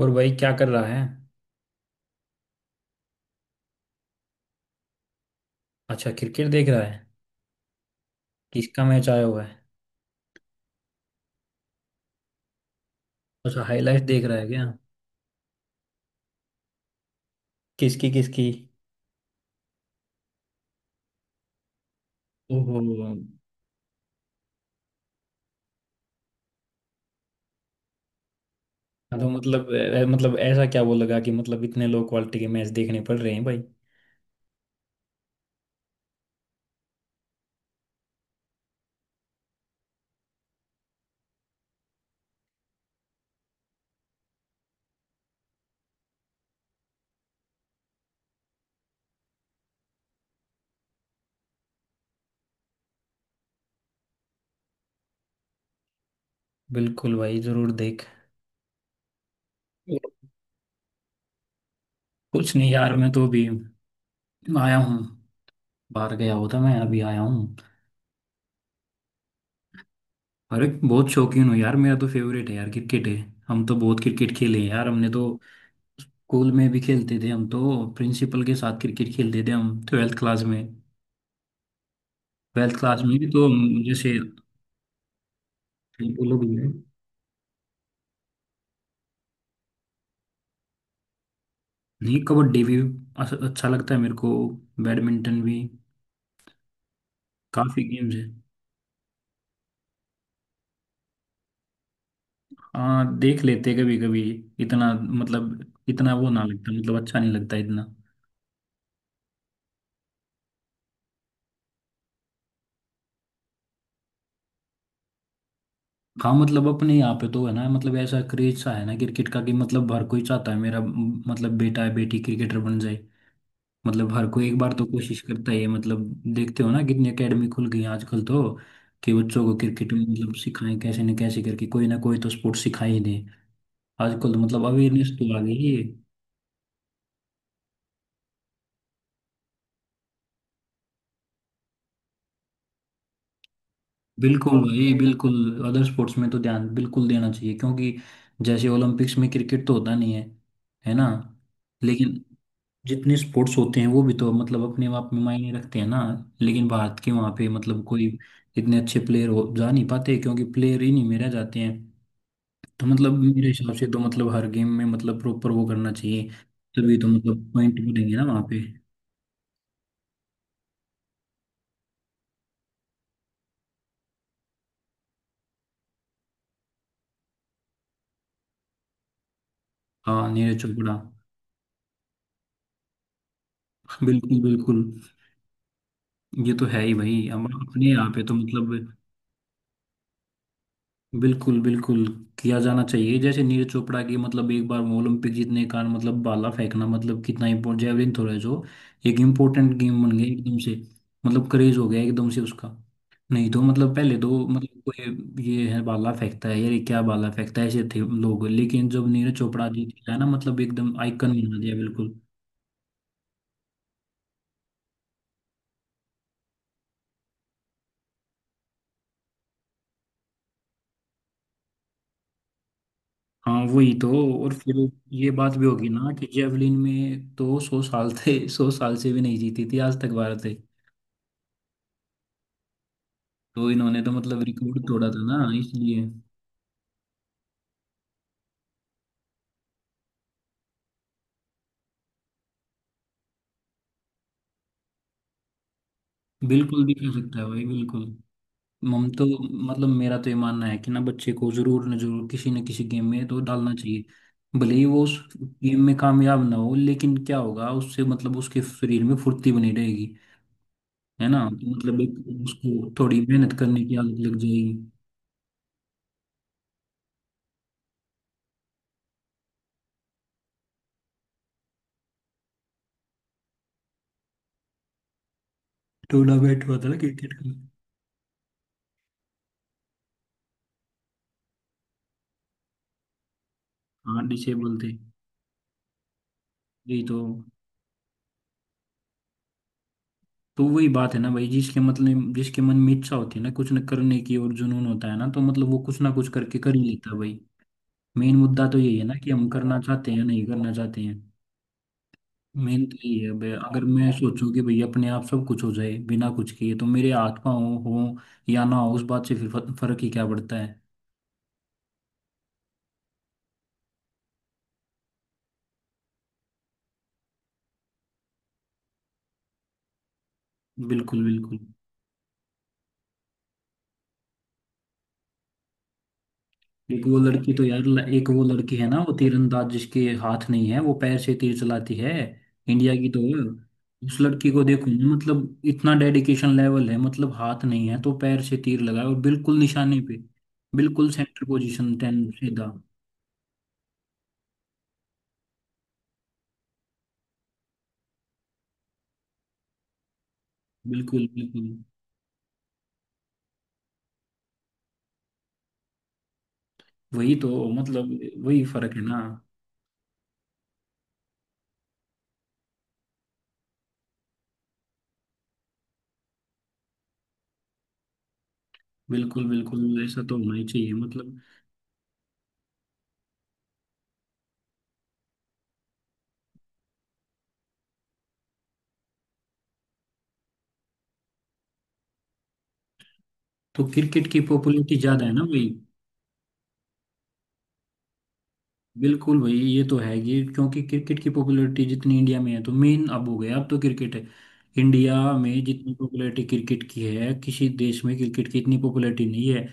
और भाई क्या कर रहा है। अच्छा, क्रिकेट देख रहा है। किसका मैच आया हुआ है। अच्छा, हाईलाइट देख रहा है क्या। किसकी किसकी। ओहो। तो मतलब मतलब ऐसा क्या वो लगा कि मतलब इतने लो क्वालिटी के मैच देखने पड़ रहे हैं भाई। बिल्कुल भाई, जरूर देख। कुछ नहीं यार, मैं तो अभी आया हूँ। बाहर गया होता, मैं अभी आया हूँ। अरे बहुत शौकीन हूँ यार, मेरा तो फेवरेट है यार, क्रिकेट है। हम तो बहुत क्रिकेट खेले हैं यार, हमने तो स्कूल में भी खेलते थे हम तो। प्रिंसिपल के साथ क्रिकेट खेलते थे हम ट्वेल्थ क्लास में। ट्वेल्थ क्लास में भी तो जैसे वो लोग भी हैं। नहीं, कबड्डी भी अच्छा लगता है मेरे को। बैडमिंटन भी। काफी गेम्स है। हाँ, देख लेते कभी कभी। इतना मतलब इतना वो ना लगता, मतलब अच्छा नहीं लगता इतना। हाँ मतलब अपने यहाँ पे तो है ना, मतलब ऐसा क्रेज सा है ना क्रिकेट का कि मतलब हर कोई चाहता है मेरा मतलब बेटा है बेटी क्रिकेटर बन जाए। मतलब हर कोई एक बार तो कोशिश करता ही है मतलब। देखते हो ना कितनी एकेडमी खुल गई हैं आजकल तो। कि बच्चों को क्रिकेट में मतलब सिखाएं, कैसे न कैसे करके कोई ना कोई तो स्पोर्ट्स सिखा ही दें। आजकल तो मतलब अवेयरनेस तो आ गई है। बिल्कुल भाई बिल्कुल। अदर स्पोर्ट्स में तो ध्यान बिल्कुल देना चाहिए क्योंकि जैसे ओलंपिक्स में क्रिकेट तो होता नहीं है, है ना। लेकिन जितने स्पोर्ट्स होते हैं वो भी तो मतलब अपने आप में मायने रखते हैं ना। लेकिन भारत के वहाँ पे मतलब कोई इतने अच्छे प्लेयर हो जा नहीं पाते क्योंकि प्लेयर ही नहीं में रह जाते हैं। तो मतलब मेरे हिसाब से तो मतलब हर गेम में मतलब प्रॉपर वो करना चाहिए। तभी तो मतलब पॉइंट मिलेंगे ना वहाँ पे। हाँ, नीरज चोपड़ा। बिल्कुल बिल्कुल। ये तो है ही भाई, हम अपने यहाँ पे तो मतलब बिल्कुल बिल्कुल किया जाना चाहिए। जैसे नीरज चोपड़ा की मतलब एक बार वो ओलंपिक जीतने का, मतलब भाला फेंकना मतलब कितना इम्पोर्टेंट जेवलिन थ्रो है जो एक इम्पोर्टेंट गेम बन गया एकदम से। मतलब क्रेज हो गया एकदम से उसका। नहीं तो मतलब पहले तो मतलब कोई ये है भाला फेंकता है यार, ये क्या भाला फेंकता है, ऐसे थे लोग, लेकिन जब नीरज चोपड़ा जी, है ना, मतलब एकदम आइकन बना दिया बिल्कुल। हाँ वही तो। और फिर ये बात भी होगी ना कि जेवलिन में तो 100 साल थे, 100 साल से भी नहीं जीती थी आज तक भारत। तो इन्होंने तो मतलब रिकॉर्ड तोड़ा था ना इसलिए। बिल्कुल भी कह सकता है भाई बिल्कुल। मम तो मतलब मेरा तो ये मानना है कि ना बच्चे को जरूर न जरूर किसी न किसी गेम में तो डालना चाहिए। भले ही वो उस गेम में कामयाब ना हो, लेकिन क्या होगा उससे, मतलब उसके शरीर में फुर्ती बनी रहेगी, है ना। तो मतलब एक उसको थोड़ी मेहनत करने की आदत लग जाएगी। टूर्नामेंट हुआ था ना क्रिकेट का। हाँ, डिसेबल थे। यही तो। तो वही बात है ना भाई, जिसके मतलब जिसके मन में इच्छा होती है ना कुछ न करने की और जुनून होता है ना, तो मतलब वो कुछ ना कुछ करके कर ही लेता है भाई। मेन मुद्दा तो यही है ना कि हम करना चाहते हैं या नहीं करना चाहते हैं। मेन तो यही है भाई, अगर मैं सोचूं कि भाई अपने आप सब कुछ हो जाए बिना कुछ किए तो मेरे हाथ पाँव हो या ना हो उस बात से फिर फर्क ही क्या पड़ता है। बिल्कुल बिल्कुल। एक वो लड़की तो यार, एक वो लड़की है ना वो तीरंदाज जिसके हाथ नहीं है, वो पैर से तीर चलाती है। इंडिया की तो वो। उस लड़की को देखो ना, मतलब इतना डेडिकेशन लेवल है, मतलब हाथ नहीं है तो पैर से तीर लगाए और बिल्कुल निशाने पे। बिल्कुल सेंटर पोजीशन 10 सीधा। बिल्कुल बिल्कुल। वही तो मतलब वही फर्क है ना। बिल्कुल बिल्कुल, ऐसा तो होना ही चाहिए मतलब। तो क्रिकेट की पॉपुलैरिटी ज्यादा है ना भाई। बिल्कुल भाई ये तो है ये, क्योंकि क्रिकेट की पॉपुलैरिटी जितनी इंडिया में है तो मेन अब हो गया, अब तो क्रिकेट है। इंडिया में जितनी पॉपुलैरिटी क्रिकेट की है, किसी देश में क्रिकेट की इतनी पॉपुलैरिटी नहीं है।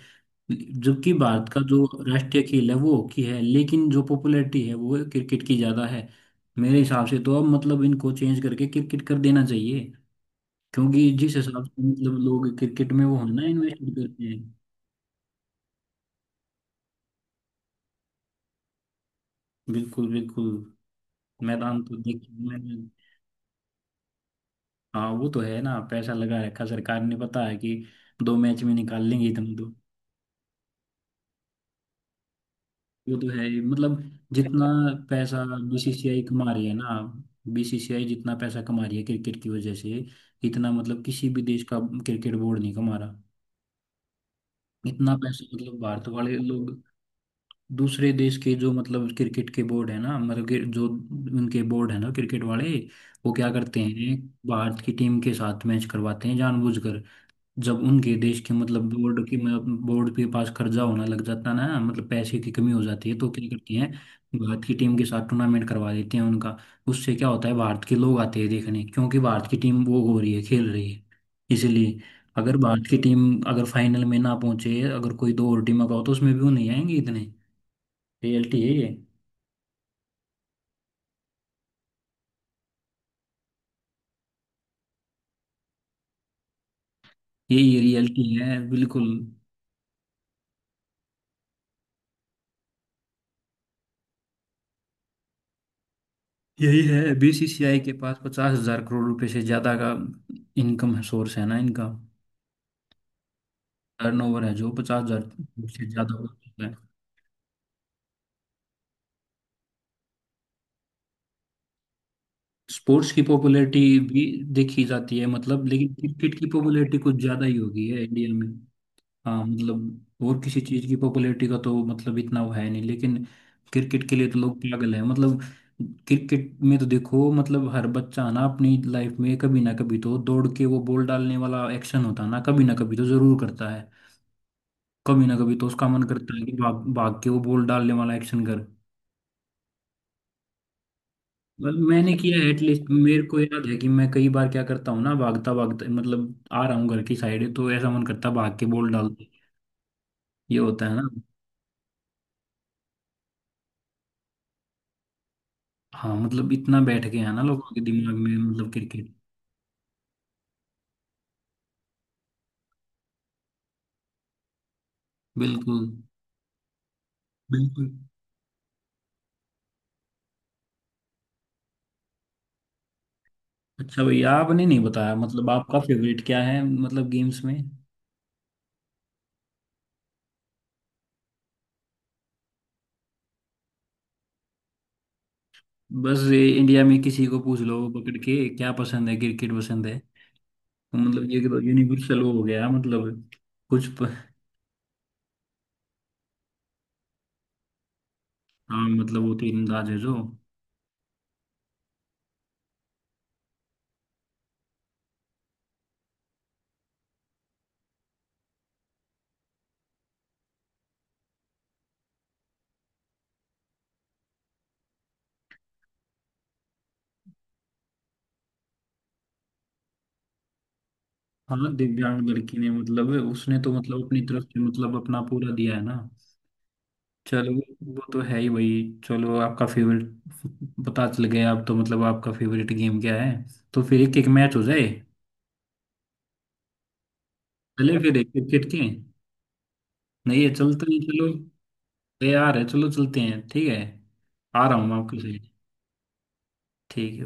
जबकि भारत का जो राष्ट्रीय खेल है वो हॉकी है, लेकिन जो पॉपुलैरिटी है वो क्रिकेट की ज़्यादा है। मेरे हिसाब से तो अब मतलब इनको चेंज करके क्रिकेट कर देना चाहिए। क्योंकि जिस हिसाब से मतलब लोग क्रिकेट में वो है ना इन्वेस्ट करते हैं। बिल्कुल बिल्कुल। मैदान तो देखिए मैंने। हाँ वो तो है ना, पैसा लगा रखा सरकार ने, पता है कि दो मैच में निकाल लेंगे इतना तो। वो तो है ही। मतलब जितना पैसा बीसीसीआई कमा रही है ना। बीसीसीआई जितना पैसा कमा रही है क्रिकेट की वजह से, इतना मतलब किसी भी देश का क्रिकेट बोर्ड नहीं कमा रहा। इतना पैसा, मतलब भारत वाले लोग दूसरे देश के जो मतलब क्रिकेट के बोर्ड है ना, मतलब कि जो उनके बोर्ड है ना क्रिकेट वाले, वो क्या करते हैं। भारत की टीम के साथ मैच करवाते हैं जानबूझकर। जब उनके देश के मतलब बोर्ड की बोर्ड के पास कर्जा होना लग जाता है ना, मतलब पैसे की कमी हो जाती है, तो क्या करती हैं भारत की टीम के साथ टूर्नामेंट करवा देते हैं उनका। उससे क्या होता है, भारत के लोग आते हैं देखने क्योंकि भारत की टीम वो हो रही है, खेल रही है इसलिए। अगर भारत की टीम अगर फाइनल में ना पहुंचे, अगर कोई दो और टीमों का हो तो उसमें भी वो नहीं आएंगे इतने। रियलिटी है। ये यही रियलिटी है बिल्कुल। यही है, बीसीसीआई के पास 50,000 करोड़ रुपए से ज्यादा का इनकम सोर्स है ना इनका। टर्नओवर है जो 50,000 से ज्यादा हो चुका है। स्पोर्ट्स की पॉपुलैरिटी भी देखी जाती है मतलब, लेकिन क्रिकेट की पॉपुलैरिटी कुछ ज्यादा ही होगी है इंडिया में। हाँ मतलब और किसी चीज की पॉपुलैरिटी का तो मतलब इतना वो है नहीं, लेकिन क्रिकेट के लिए तो लोग पागल है मतलब। क्रिकेट में तो देखो, मतलब हर बच्चा ना अपनी लाइफ में कभी ना कभी तो दौड़ के वो बॉल डालने वाला एक्शन होता है ना कभी तो जरूर करता है। कभी ना कभी तो उसका मन करता है कि भाग भाग के वो बॉल डालने वाला एक्शन कर। बस मैंने किया है, एटलीस्ट मेरे को याद है कि मैं कई बार क्या करता हूँ ना, भागता भागता मतलब आ रहा हूँ घर की साइड तो ऐसा मन करता है भाग के बॉल डाल दे। ये होता है ना। हाँ मतलब इतना बैठ गया है ना लोगों के दिमाग में मतलब क्रिकेट। बिल्कुल बिल्कुल। अच्छा भैया, आपने नहीं बताया मतलब आपका फेवरेट क्या है मतलब गेम्स में। बस ये इंडिया में किसी को पूछ लो पकड़ के क्या पसंद है, क्रिकेट पसंद है। तो मतलब ये तो यूनिवर्सल वो हो गया मतलब। कुछ प... हाँ मतलब वो तीरंदाज है जो। हाँ दिव्यांग लड़की ने मतलब उसने तो मतलब अपनी तरफ से मतलब अपना पूरा दिया है ना। चलो। वो तो है ही भाई। चलो आपका फेवरेट पता चल गया, अब तो मतलब आपका फेवरेट गेम क्या है। तो फिर एक एक मैच हो जाए। चले फिर एक क्रिकेट के। नहीं है, चलते हैं चलो। तैयार है, चलो चलते हैं, ठीक है। आ रहा हूँ मैं आपके साथ। ठीक है।